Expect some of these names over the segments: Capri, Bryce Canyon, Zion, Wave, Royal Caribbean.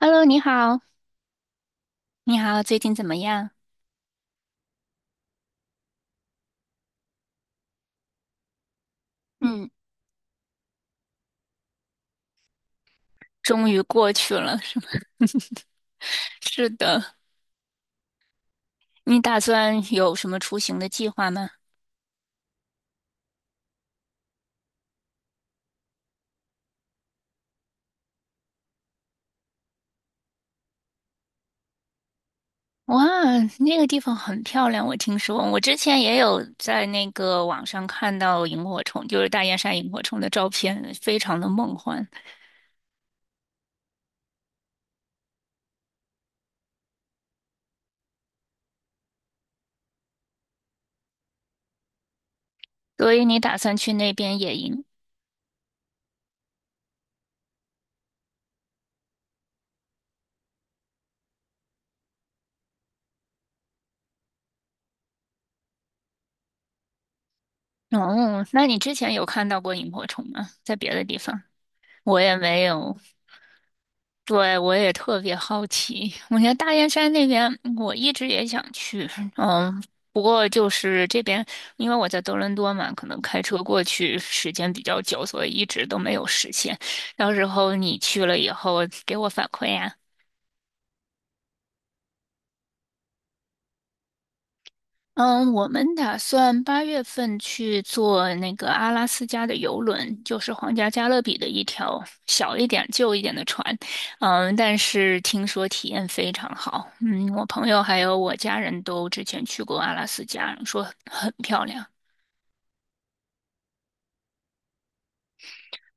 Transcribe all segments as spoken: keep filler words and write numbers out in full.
Hello，你好，你好，最近怎么样？嗯，终于过去了，是吗？是的，你打算有什么出行的计划吗？哇，那个地方很漂亮，我听说，我之前也有在那个网上看到萤火虫，就是大雁山萤火虫的照片，非常的梦幻。所以你打算去那边野营？哦，那你之前有看到过萤火虫吗？在别的地方？我也没有，对，我也特别好奇。我觉得大雁山那边，我一直也想去，嗯，不过就是这边，因为我在多伦多嘛，可能开车过去时间比较久，所以一直都没有实现。到时候你去了以后给我反馈呀、嗯，我们打算八月份去坐那个阿拉斯加的游轮，就是皇家加勒比的一条小一点、旧一点的船。嗯，但是听说体验非常好。嗯，我朋友还有我家人都之前去过阿拉斯加，说很漂亮。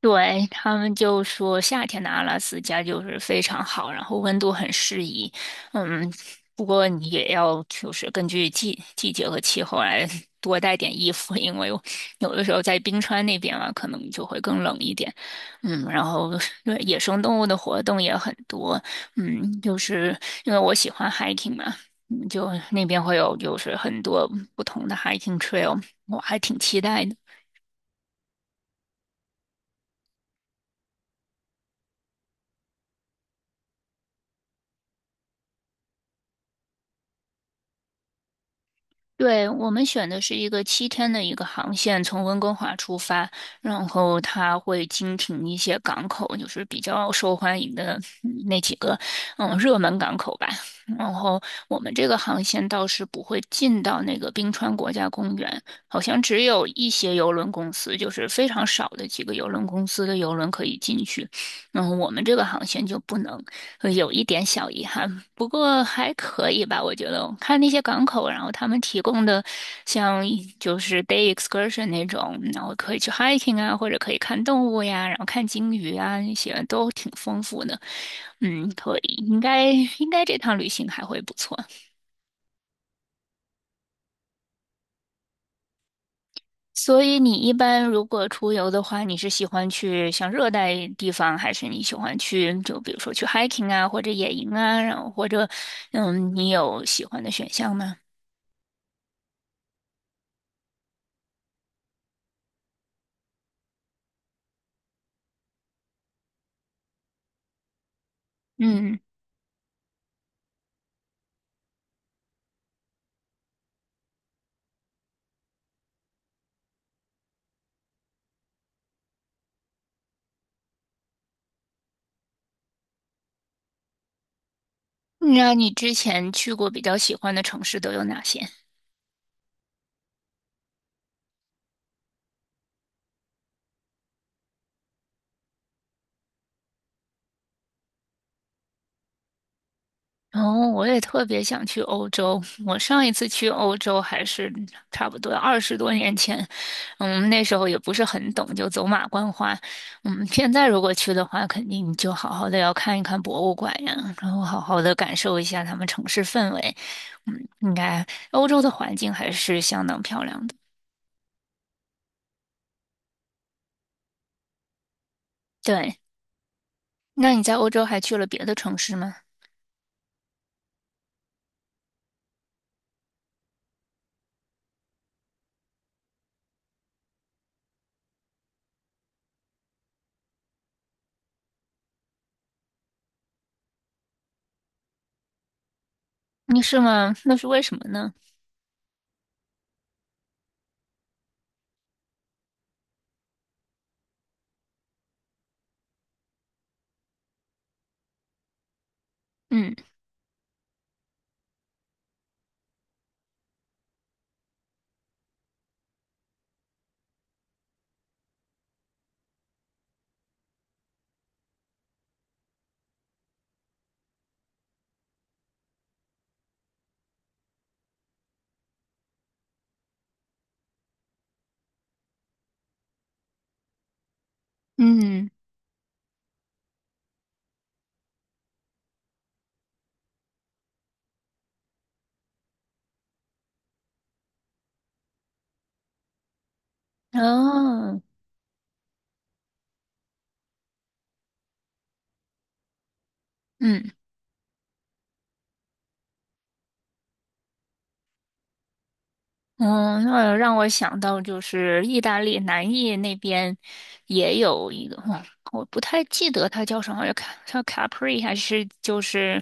对，他们就说夏天的阿拉斯加就是非常好，然后温度很适宜。嗯，不过你也要就是根据季季节和气候来多带点衣服，因为有的时候在冰川那边啊，可能就会更冷一点。嗯，然后对野生动物的活动也很多。嗯，就是因为我喜欢 hiking 嘛，嗯就那边会有就是很多不同的 hiking trail，我还挺期待的。对，我们选的是一个七天的一个航线，从温哥华出发，然后它会经停一些港口，就是比较受欢迎的嗯那几个，嗯，热门港口吧。然后我们这个航线倒是不会进到那个冰川国家公园，好像只有一些邮轮公司，就是非常少的几个邮轮公司的邮轮可以进去。然后我们这个航线就不能。呃有一点小遗憾，不过还可以吧，我觉得。看那些港口，然后他们提供的像就是 day excursion 那种，然后可以去 hiking 啊，或者可以看动物呀，然后看鲸鱼啊，那些都挺丰富的。嗯，可以，应该应该这趟旅行还会不错。所以你一般如果出游的话，你是喜欢去像热带地方，还是你喜欢去就比如说去 hiking 啊，或者野营啊，然后或者嗯，你有喜欢的选项吗？嗯，那你之前去过比较喜欢的城市都有哪些？然后我也特别想去欧洲。我上一次去欧洲还是差不多二十多年前，嗯，那时候也不是很懂，就走马观花。嗯，现在如果去的话，肯定就好好的要看一看博物馆呀，然后好好的感受一下他们城市氛围。嗯，应该欧洲的环境还是相当漂亮的。对，那你在欧洲还去了别的城市吗？你是吗？那是为什么呢？嗯。嗯哦，嗯哦，那让我想到就是意大利南意那边也有一个，哦，我不太记得它叫什么，卡叫 Capri 还是就是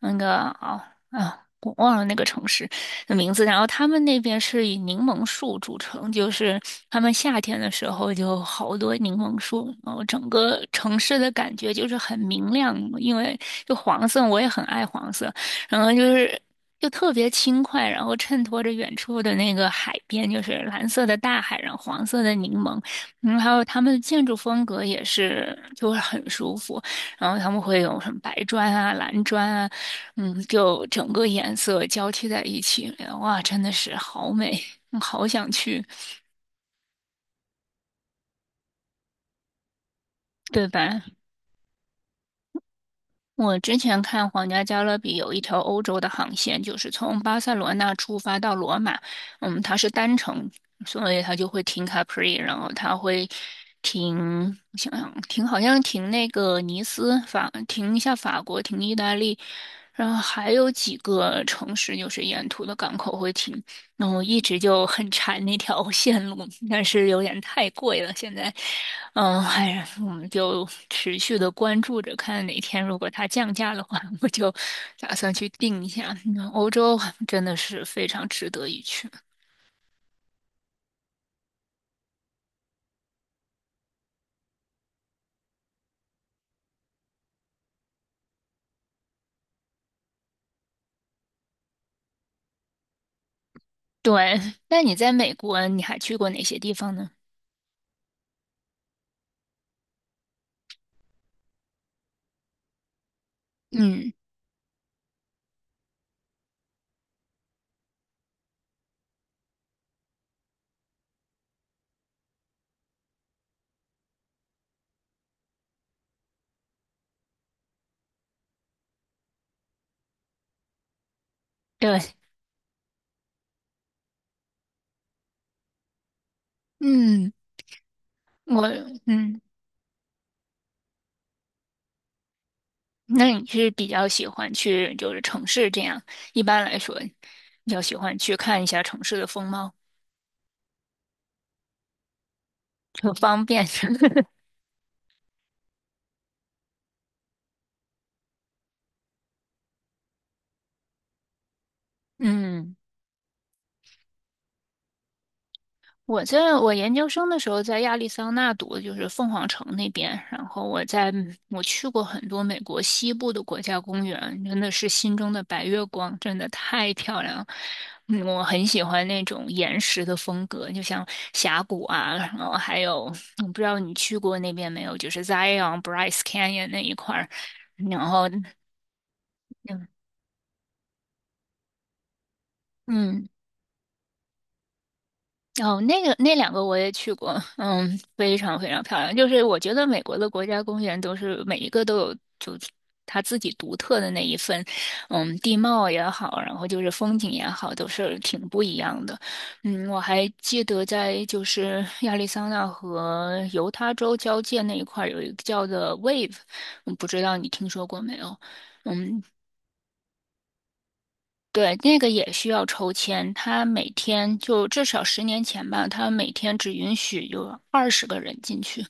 那个哦啊，我忘了那个城市的名字。然后他们那边是以柠檬树著称，就是他们夏天的时候就好多柠檬树，然后整个城市的感觉就是很明亮，因为就黄色，我也很爱黄色。然后就是就特别轻快，然后衬托着远处的那个海边，就是蓝色的大海，然后黄色的柠檬，嗯，还有他们的建筑风格也是，就是很舒服。然后他们会有什么白砖啊、蓝砖啊，嗯，就整个颜色交替在一起，哇，真的是好美，嗯好想去，对吧？我之前看皇家加勒比有一条欧洲的航线，就是从巴塞罗那出发到罗马，嗯，它是单程，所以它就会停卡普里，然后它会停，我想想，停好像停那个尼斯，法，停一下法国，停意大利，然后还有几个城市就是沿途的港口会停，那我一直就很馋那条线路，但是有点太贵了，现在。嗯，哎呀，我们就持续的关注着，看哪天如果它降价的话，我就打算去订一下。嗯欧洲真的是非常值得一去。对，那你在美国，你还去过哪些地方呢？嗯，对，嗯，我，嗯，那你是比较喜欢去就是城市这样？一般来说，比较喜欢去看一下城市的风貌，很方便。嗯我在我研究生的时候在亚利桑那读的就是凤凰城那边，然后我在我去过很多美国西部的国家公园，真的是心中的白月光，真的太漂亮了嗯我很喜欢那种岩石的风格，就像峡谷啊，然后还有我不知道你去过那边没有，就是 Zion Bryce Canyon 那一块儿，然后嗯。嗯哦，那个那两个我也去过，嗯，非常非常漂亮。就是我觉得美国的国家公园都是每一个都有，就是它自己独特的那一份，嗯，地貌也好，然后就是风景也好，都是挺不一样的。嗯，我还记得在就是亚利桑那和犹他州交界那一块儿有一个叫做 Wave，我不知道你听说过没有？嗯，对，那个也需要抽签，他每天就至少十年前吧，他每天只允许有二十个人进去。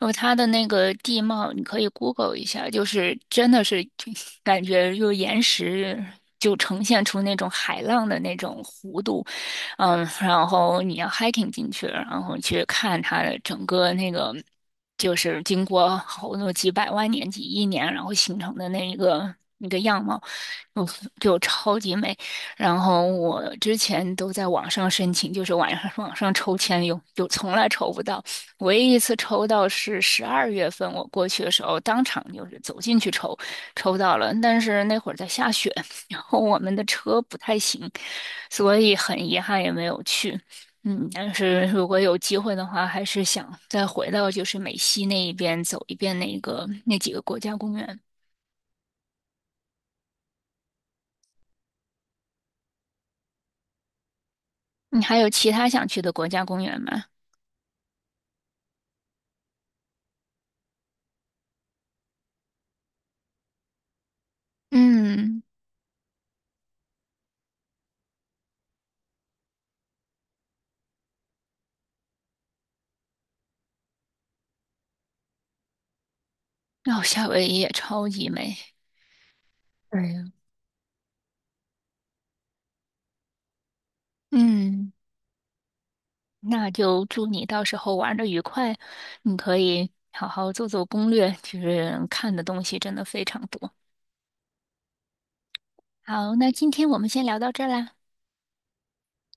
然后他的那个地貌，你可以 Google 一下，就是真的是就感觉就岩石就呈现出那种海浪的那种弧度，嗯，然后你要 hiking 进去，然后去看它的整个那个。就是经过好多几百万年、几亿年，然后形成的那一个那个样貌。就就超级美，然后我之前都在网上申请，就是网上网上抽签有有从来抽不到，唯一一次抽到是十二月份我过去的时候，当场就是走进去抽，抽到了，但是那会儿在下雪，然后我们的车不太行，所以很遗憾也没有去。嗯，但是如果有机会的话，还是想再回到就是美西那一边走一遍那个那几个国家公园。你还有其他想去的国家公园吗？嗯，哦，夏威夷也超级美。对呀，嗯，那就祝你到时候玩的愉快。你可以好好做做攻略，就是看的东西真的非常多。好，那今天我们先聊到这儿啦，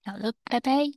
好了，拜拜。